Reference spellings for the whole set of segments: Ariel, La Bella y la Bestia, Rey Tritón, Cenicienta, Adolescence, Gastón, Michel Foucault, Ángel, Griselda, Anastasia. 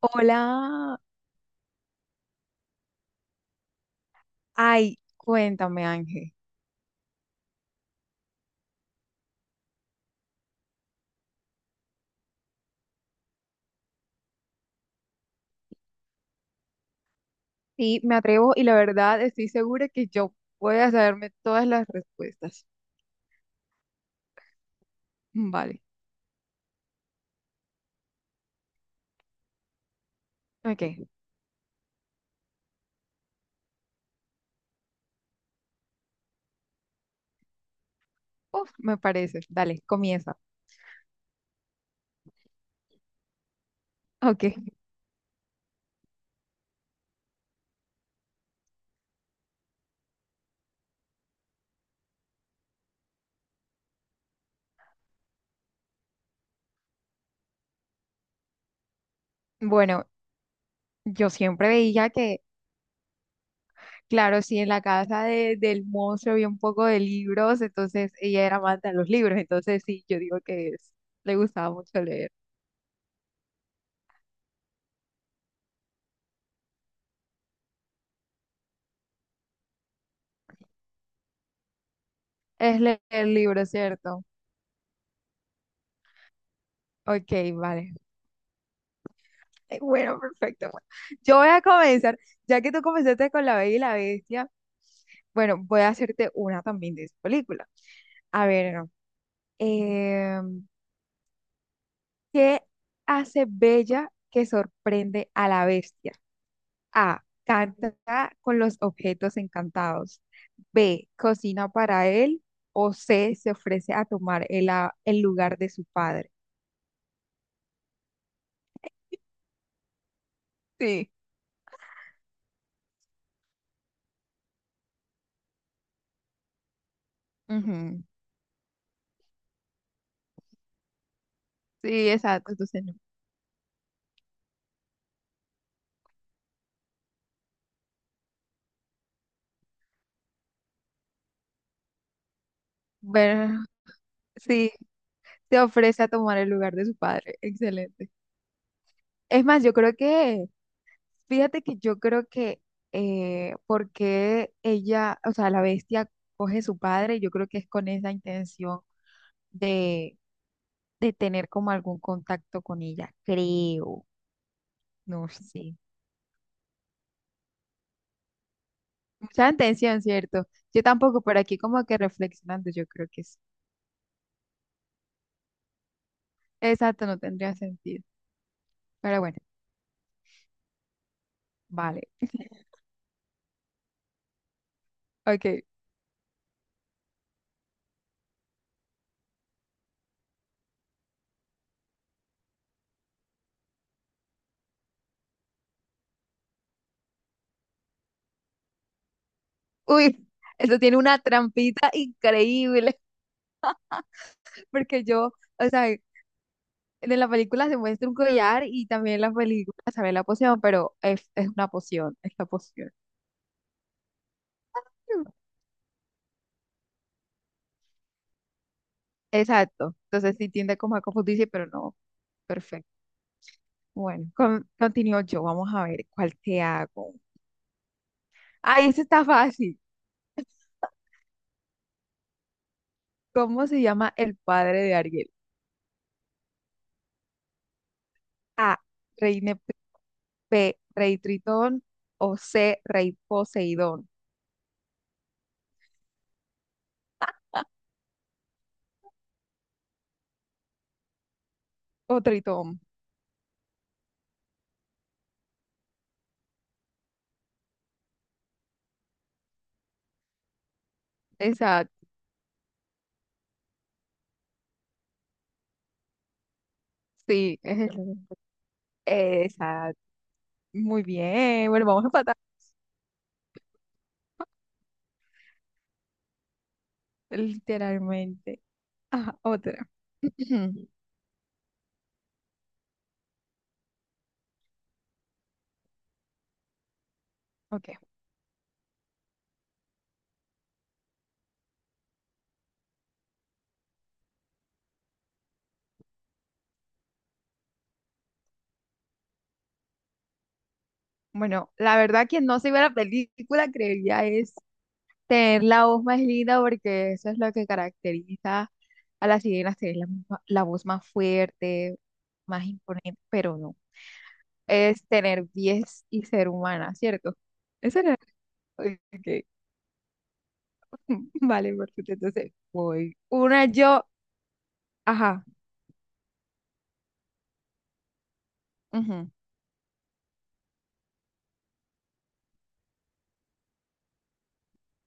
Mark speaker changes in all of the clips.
Speaker 1: Hola, ay, cuéntame Ángel. Sí, me atrevo y la verdad estoy segura que yo voy a saberme todas las respuestas. Mm, vale, ok, uf, me parece, dale, comienza. Ok, bueno, yo siempre veía que, claro, si en la del monstruo había un poco de libros, entonces ella era amante de los libros, entonces sí, yo digo que es, le gustaba mucho leer. Es leer libros, ¿cierto? Ok, vale. Bueno, perfecto. Bueno. Yo voy a comenzar, ya que tú comenzaste con La Bella y la Bestia, bueno, voy a hacerte una también de esa película. A ver, no. Eh, ¿Qué hace Bella que sorprende a la bestia? A. Canta con los objetos encantados. B. Cocina para él. O C. Se ofrece a tomar el lugar de su padre. Sí, ujú, sí, exacto. Entonces, no. Bueno, sí, se ofrece a tomar el lugar de su padre. Excelente. Es más, yo creo que, fíjate que yo creo que porque ella, o sea, la bestia coge su padre, yo creo que es con esa intención de, de tener como algún contacto con ella, creo, no sé. Mucha intención, ¿cierto? Yo tampoco, por aquí como que reflexionando, yo creo que sí. Exacto, no tendría sentido. Pero bueno, vale. Ok. Uy, eso tiene una trampita increíble, porque yo... O sea, de la película se muestra un collar y también la película sabe la poción, pero es una poción, es la poción. Exacto. Entonces sí tiende como a confundirse, pero no. Perfecto. Bueno, continúo yo. Vamos a ver cuál te hago. Ah, ese está fácil. ¿Cómo se llama el padre de Ariel? A. Rey Nep- B. Rey Tritón. O C. Rey Poseidón. O Tritón. Exacto. Sí, Exacto. Muy bien. Bueno, vamos a empatar. Literalmente. Ajá, otra. Ok. Bueno, la verdad quien no se vio la película creería es tener la voz más linda porque eso es lo que caracteriza a las sirenas, tener la voz más fuerte, más imponente, pero no. Es tener pies y ser humana, ¿cierto? Eso era. Ok. Vale, perfecto. Entonces, voy. Una yo. Ajá.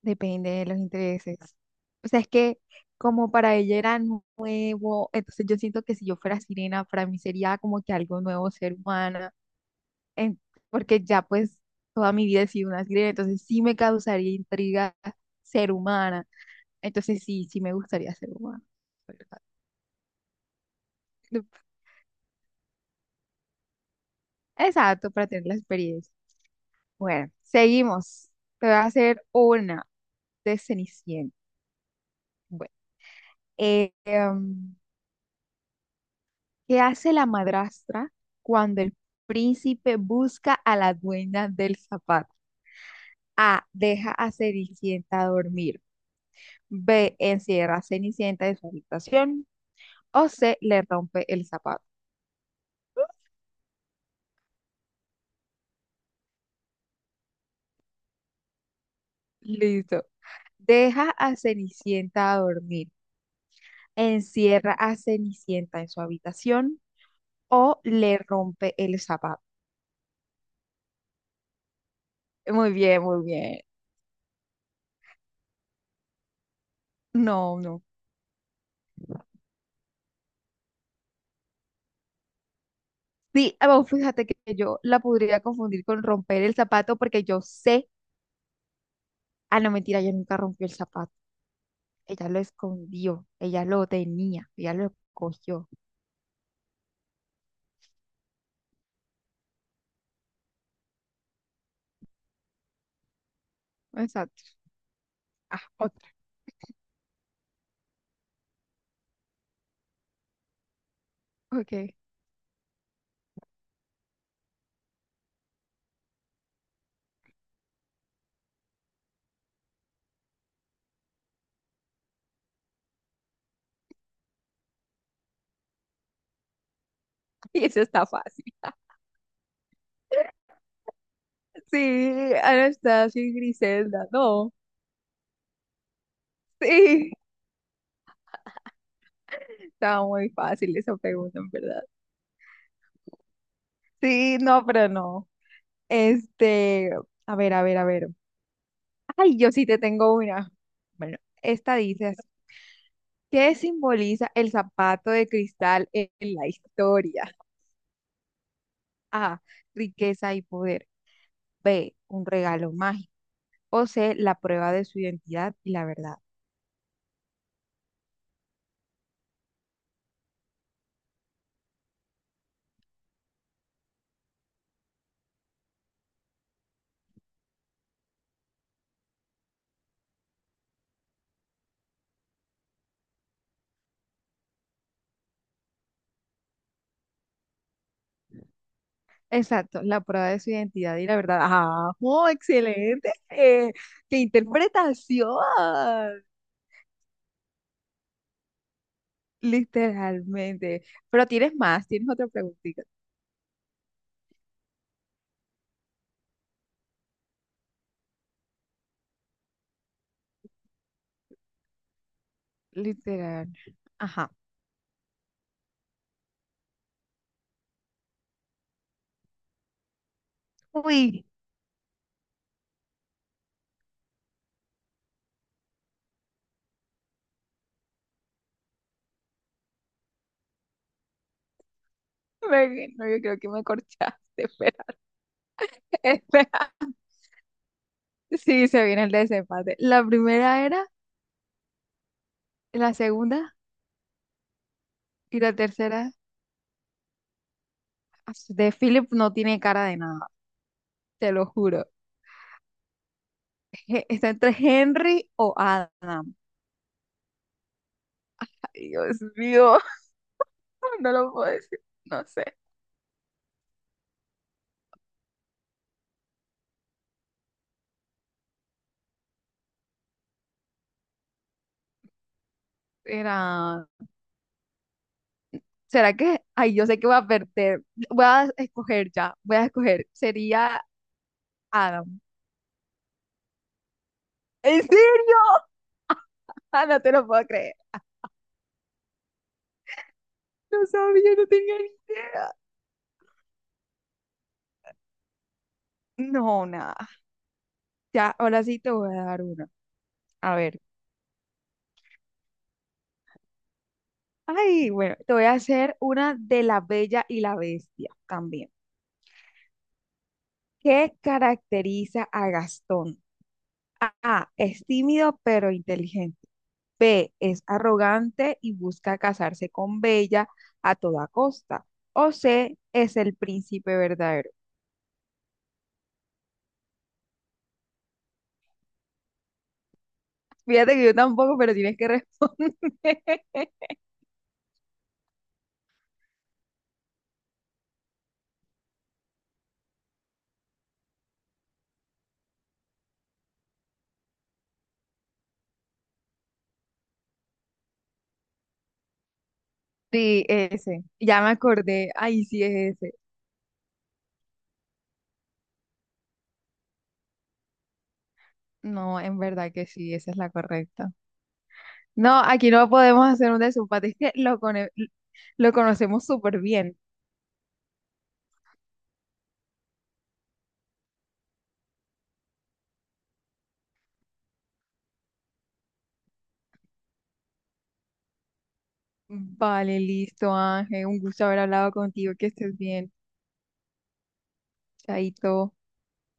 Speaker 1: Depende de los intereses. O sea, es que como para ella era nuevo, entonces yo siento que si yo fuera sirena, para mí sería como que algo nuevo ser humana, en- porque ya pues toda mi vida he sido una sirena, entonces sí me causaría intriga ser humana. Entonces sí, sí me gustaría ser humana, la verdad. Exacto, para tener la experiencia. Bueno, seguimos. Te voy a hacer una de Cenicienta. Bueno, eh, ¿qué hace la madrastra cuando el príncipe busca a la dueña del zapato? A. Deja a Cenicienta dormir. B. Encierra a Cenicienta en su habitación. O C. Le rompe el zapato. Listo. Deja a Cenicienta a dormir. Encierra a Cenicienta en su habitación. O le rompe el zapato. Muy bien, muy bien. No, no. Sí, ah, bueno, fíjate que yo la podría confundir con romper el zapato porque yo sé. Ah, no, mentira, ella nunca rompió el zapato. Ella lo escondió, ella lo tenía, ella lo cogió. Exacto. Ah, otra. Ok. Y eso está fácil. Sí, Anastasia y Griselda, no. Sí, estaba muy fácil esa pregunta, en verdad. Sí, no, pero no. Este, a ver, a ver, a ver. Ay, yo sí te tengo una. Bueno, esta dice así, ¿qué simboliza el zapato de cristal en la historia? A, riqueza y poder. B, un regalo mágico. O C, la prueba de su identidad y la verdad. Exacto, la prueba de su identidad y la verdad. ¡Ajo! ¡Excelente! ¡Qué interpretación! Literalmente. Pero tienes más, tienes otra preguntita. Literal. Ajá. Uy, no, yo creo que me corchaste. Espera, espera. Sí, se viene el desempate. La primera era, la segunda y la tercera. De Philip no tiene cara de nada, te lo juro. Está entre Henry o Adam. Ay, Dios mío, no lo puedo decir, no sé. Era, ¿será que? Ay, yo sé que voy a perder. Voy a escoger ya, voy a escoger. Sería Adam. ¿En serio? Ah, no te lo puedo creer. No sabía, no tenía ni idea. No, nada. Ya, ahora sí te voy a dar una. A ver. Ay, bueno, te voy a hacer una de La Bella y la Bestia también. ¿Qué caracteriza a Gastón? A, es tímido pero inteligente. B, es arrogante y busca casarse con Bella a toda costa. O C, es el príncipe verdadero. Fíjate que yo tampoco, pero tienes que responder. Sí, ese. Ya me acordé. Ay, sí es ese. No, en verdad que sí, esa es la correcta. No, aquí no podemos hacer un desempate. Es que lo conocemos súper bien. Vale, listo, Ángel. Un gusto haber hablado contigo. Que estés bien. Chaito.